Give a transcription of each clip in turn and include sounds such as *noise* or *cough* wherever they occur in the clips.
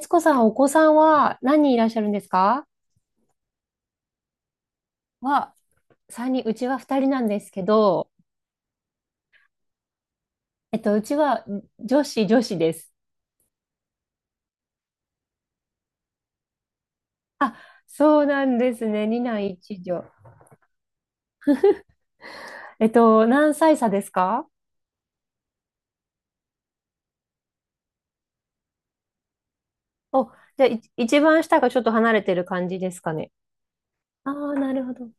つこさん、お子さんは何人いらっしゃるんですか？は、三人、うちは二人なんですけど、うちは女子、女子です。そうなんですね。二男一女。何歳差ですか？お、じゃあ、一番下がちょっと離れてる感じですかね。ああ、なるほど。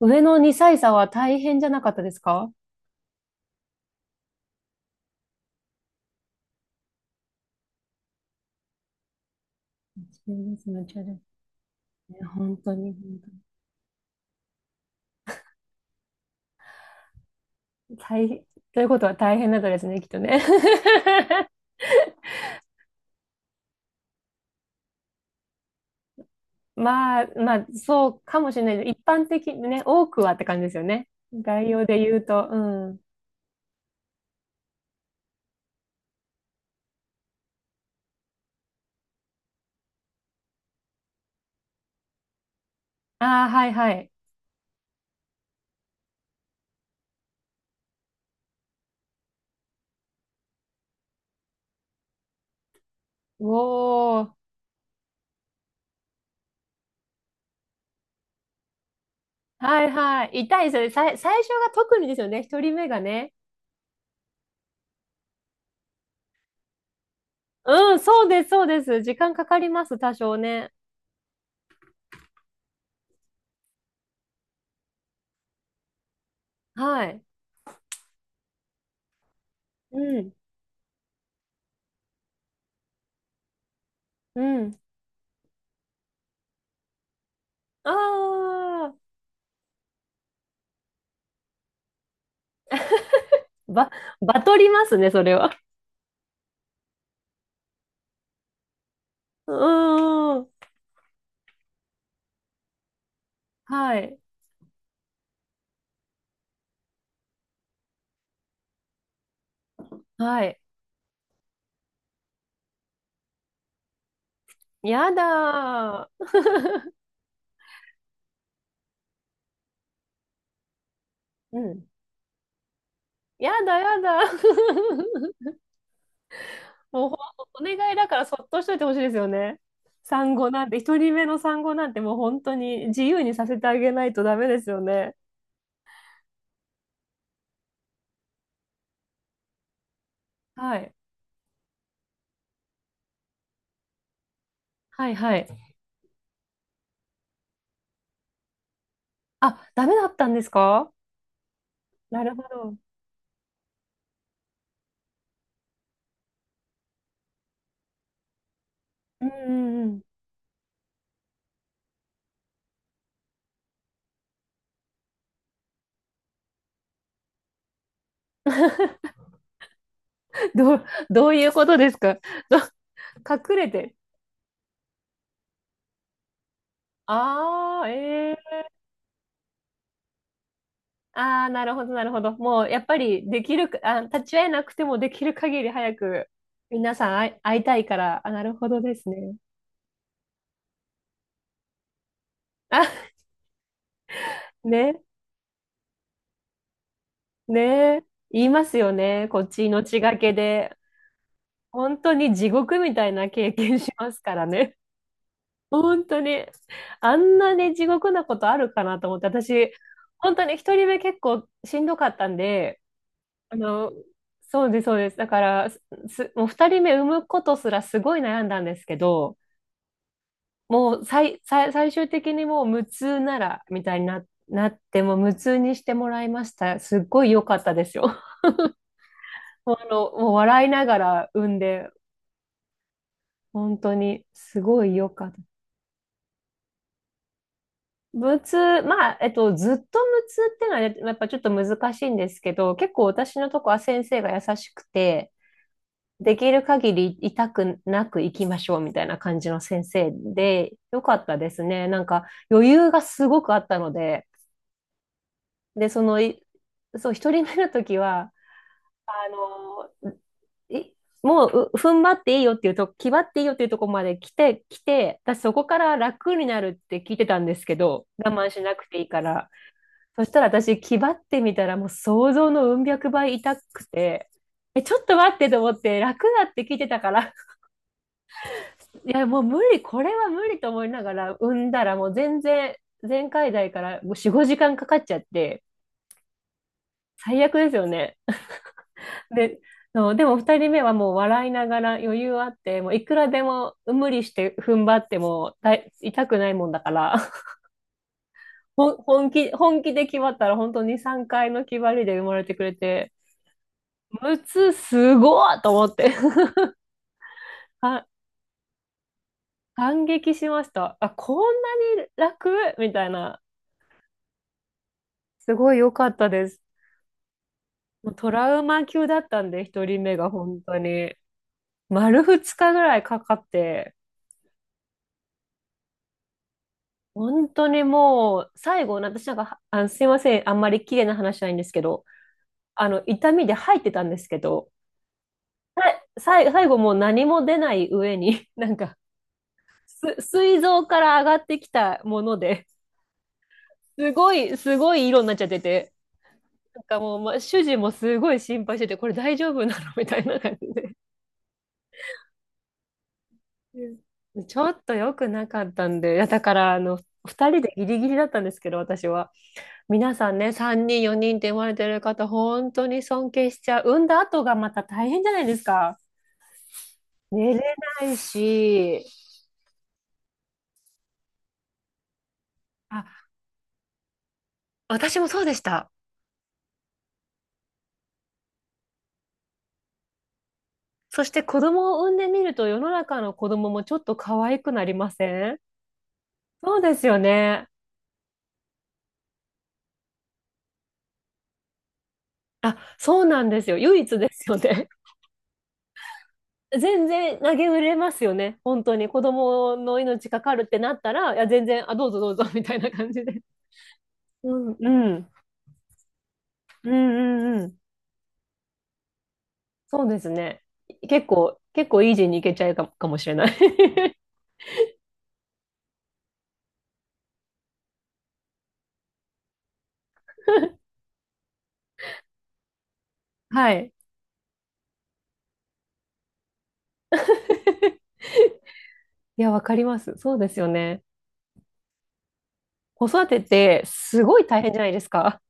上の2歳差は大変じゃなかったですか？そうですね、そうですね。本当に、本当に。大変、ということは大変だったですね、きっとね。*laughs* まあ、そうかもしれない。一般的にね、多くはって感じですよね。概要で言うと、うん。ああ、はいはい。おー。はいはい。痛いですよね。最初が特にですよね。一人目がね。うん、そうです。時間かかります、多少ね。はい。うん、うん。ああ、ば、バトりますね、それは。*laughs* うーん。はい、はい。やだー。*laughs* うん。やだ。*laughs* もうほんとお願いだからそっとしといてほしいですよね。産後なんて、一人目の産後なんてもう本当に自由にさせてあげないとダメですよね。はい。はいはい。あ、ダメだったんですか？なるほど。うんうん。どういうことですか？ど *laughs* 隠れて。ああ、ええ。ああー、なるほど。もう、やっぱり、できるか、あ、立ち会えなくてもできる限り早く、皆さん会いたいから、あ、なるほどですね。あ、ね。ね。え、言いますよね。こっち命がけで。本当に地獄みたいな経験しますからね。本当に。あんなに地獄なことあるかなと思って、私、本当に一人目結構しんどかったんで、あの、そうです。だから、もう二人目産むことすらすごい悩んだんですけど、もう最終的にもう無痛なら、みたいにな、なって、もう無痛にしてもらいました。すっごい良かったですよ。もう笑いながら産んで、本当にすごい良かった。無痛、まあ、ずっと無痛ってのはねやっぱちょっと難しいんですけど、結構私のとこは先生が優しくて、できる限り痛くなく行きましょうみたいな感じの先生で、良かったですね。なんか余裕がすごくあったので、で、その、いそう、一人目の時は、あの、いもう、踏ん張っていいよっていうと、気張っていいよっていうところまで来て、私そこから楽になるって聞いてたんですけど、我慢しなくていいから。そしたら私、気張ってみたらもう想像のうん百倍痛くて、え、ちょっと待ってと思って、楽だって聞いてたから、*laughs* いや、もう無理、これは無理と思いながら、産んだらもう全然、前回代からもう4、5時間かかっちゃって、最悪ですよね。で、そう、でも2人目はもう笑いながら余裕あって、もういくらでも無理して踏ん張ってもだい痛くないもんだから、*laughs* ほん本気、本気で決まったら本当に3回の決まりで生まれてくれて、むつすごいと思って、あ、 *laughs*、感激しました。あ、こんなに楽みたいな。すごい良かったです。もうトラウマ級だったんで、1人目が本当に。丸2日ぐらいかかって、本当にもう、最後、私なんか、あの、すいません、あんまり綺麗な話じゃないんですけど、あの、痛みで入ってたんですけど、最後もう何も出ない上に、*laughs* なんか、す、膵臓から上がってきたもので、すごい色になっちゃってて、なんかもう、ま、主人もすごい心配してて、これ大丈夫なのみたいな感じで。うん、ちょっと良くなかったんで、いやだから、あの、二人でギリギリだったんですけど、私は。皆さんね、3人、4人って生まれてる方、本当に尊敬しちゃう。産んだ後がまた大変じゃないですか。寝れないし。あ、私もそうでした。そして子供を産んでみると世の中の子供もちょっと可愛くなりません？そうですよね。あ、そうなんですよ。唯一ですよね。*laughs* 全然投げ売れますよね。本当に子供の命かかるってなったら、いや、全然、あ、どうぞどうぞみたいな感じで。うん、うん、うん、うん、うん。そうですね。結構イージーにいけちゃうかもしれない。*laughs* はい。いや、わかります。そうですよね。子育てってすごい大変じゃないですか。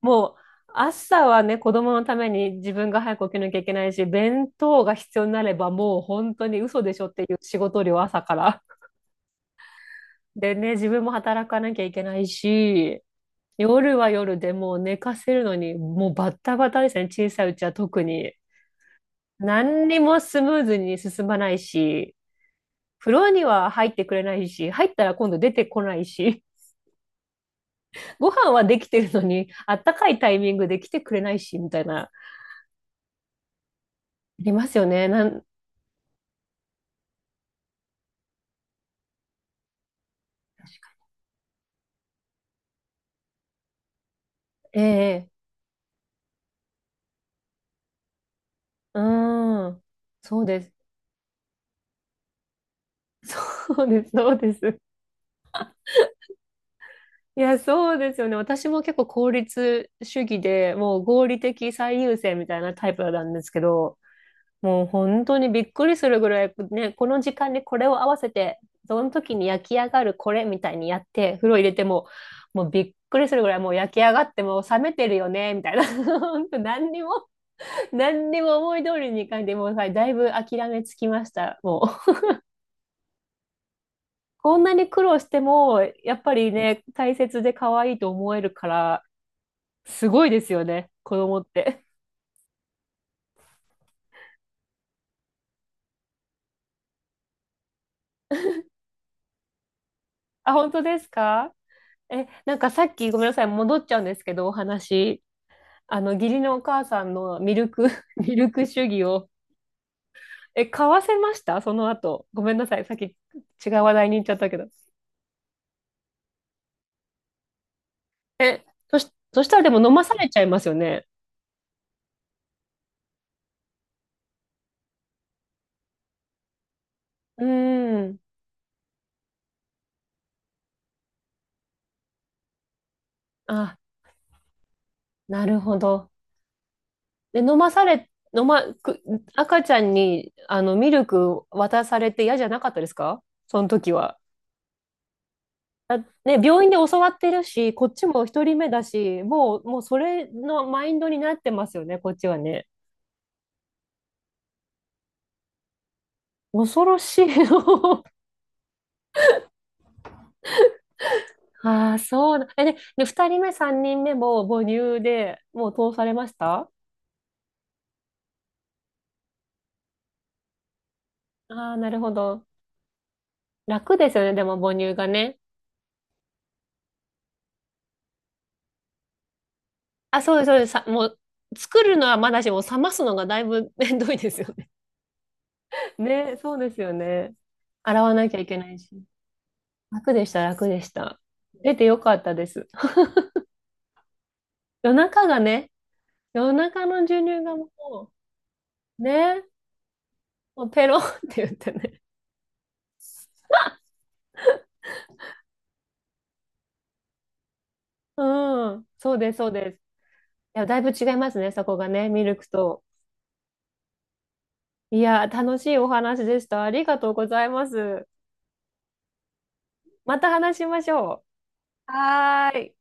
もう、朝はね、子供のために自分が早く起きなきゃいけないし、弁当が必要になればもう本当に嘘でしょっていう仕事量朝から。でね、自分も働かなきゃいけないし、夜は夜でもう寝かせるのに、もうバッタバタですね。小さいうちは特に。何にもスムーズに進まないし、フロアには入ってくれないし、入ったら今度出てこないし、*laughs* ご飯はできてるのに、あったかいタイミングで来てくれないし、みたいな、ありますよね。なん、ええ、うーん、そうです。*laughs* そうです。いや、そうですよね。私も結構効率主義で、もう合理的最優先みたいなタイプなんですけど、もう本当にびっくりするぐらい、ね、この時間にこれを合わせて、その時に焼き上がるこれみたいにやって、風呂入れても、もうびっくりするぐらい、もう焼き上がってもう冷めてるよね、みたいな。*laughs* 本当何にも、何にも思い通りにいかんで、もうさ、だいぶ諦めつきました、もう。こんなに苦労しても、やっぱりね、大切で可愛いと思えるから、すごいですよね、子供って。あ、本当ですか？え、なんかさっきごめんなさい、戻っちゃうんですけど、お話。あの、義理のお母さんのミルク、*laughs* ミルク主義を、え、買わせましたその後。ごめんなさい。さっき違う話題に行っちゃったけど。え、そし、そしたらでも飲まされちゃいますよね。うーん。あ、なるほど。で、飲まされ、飲ま、く、赤ちゃんに、あの、ミルク渡されて嫌じゃなかったですかその時は。だね、病院で教わってるし、こっちも一人目だし、もうそれのマインドになってますよね、こっちはね。恐ろしい。*laughs* ああ、そうだ。え、で、で、二人目、三人目も母乳でもう通されました？ああー、なるほど。楽ですよね、でも母乳がね。あ、そうです。さ、もう、作るのはまだしも、冷ますのがだいぶ *laughs* 面倒いですよね。*laughs* ね、そうですよね。洗わなきゃいけないし。楽でした。出てよかったです。*laughs* 夜中がね、夜中の授乳がもう、ね、もうペロンって言ってね。うん、そうです。いや、だいぶ違いますね、そこがね、ミルクと。いや、楽しいお話でした。ありがとうございます。また話しましょう。はーい。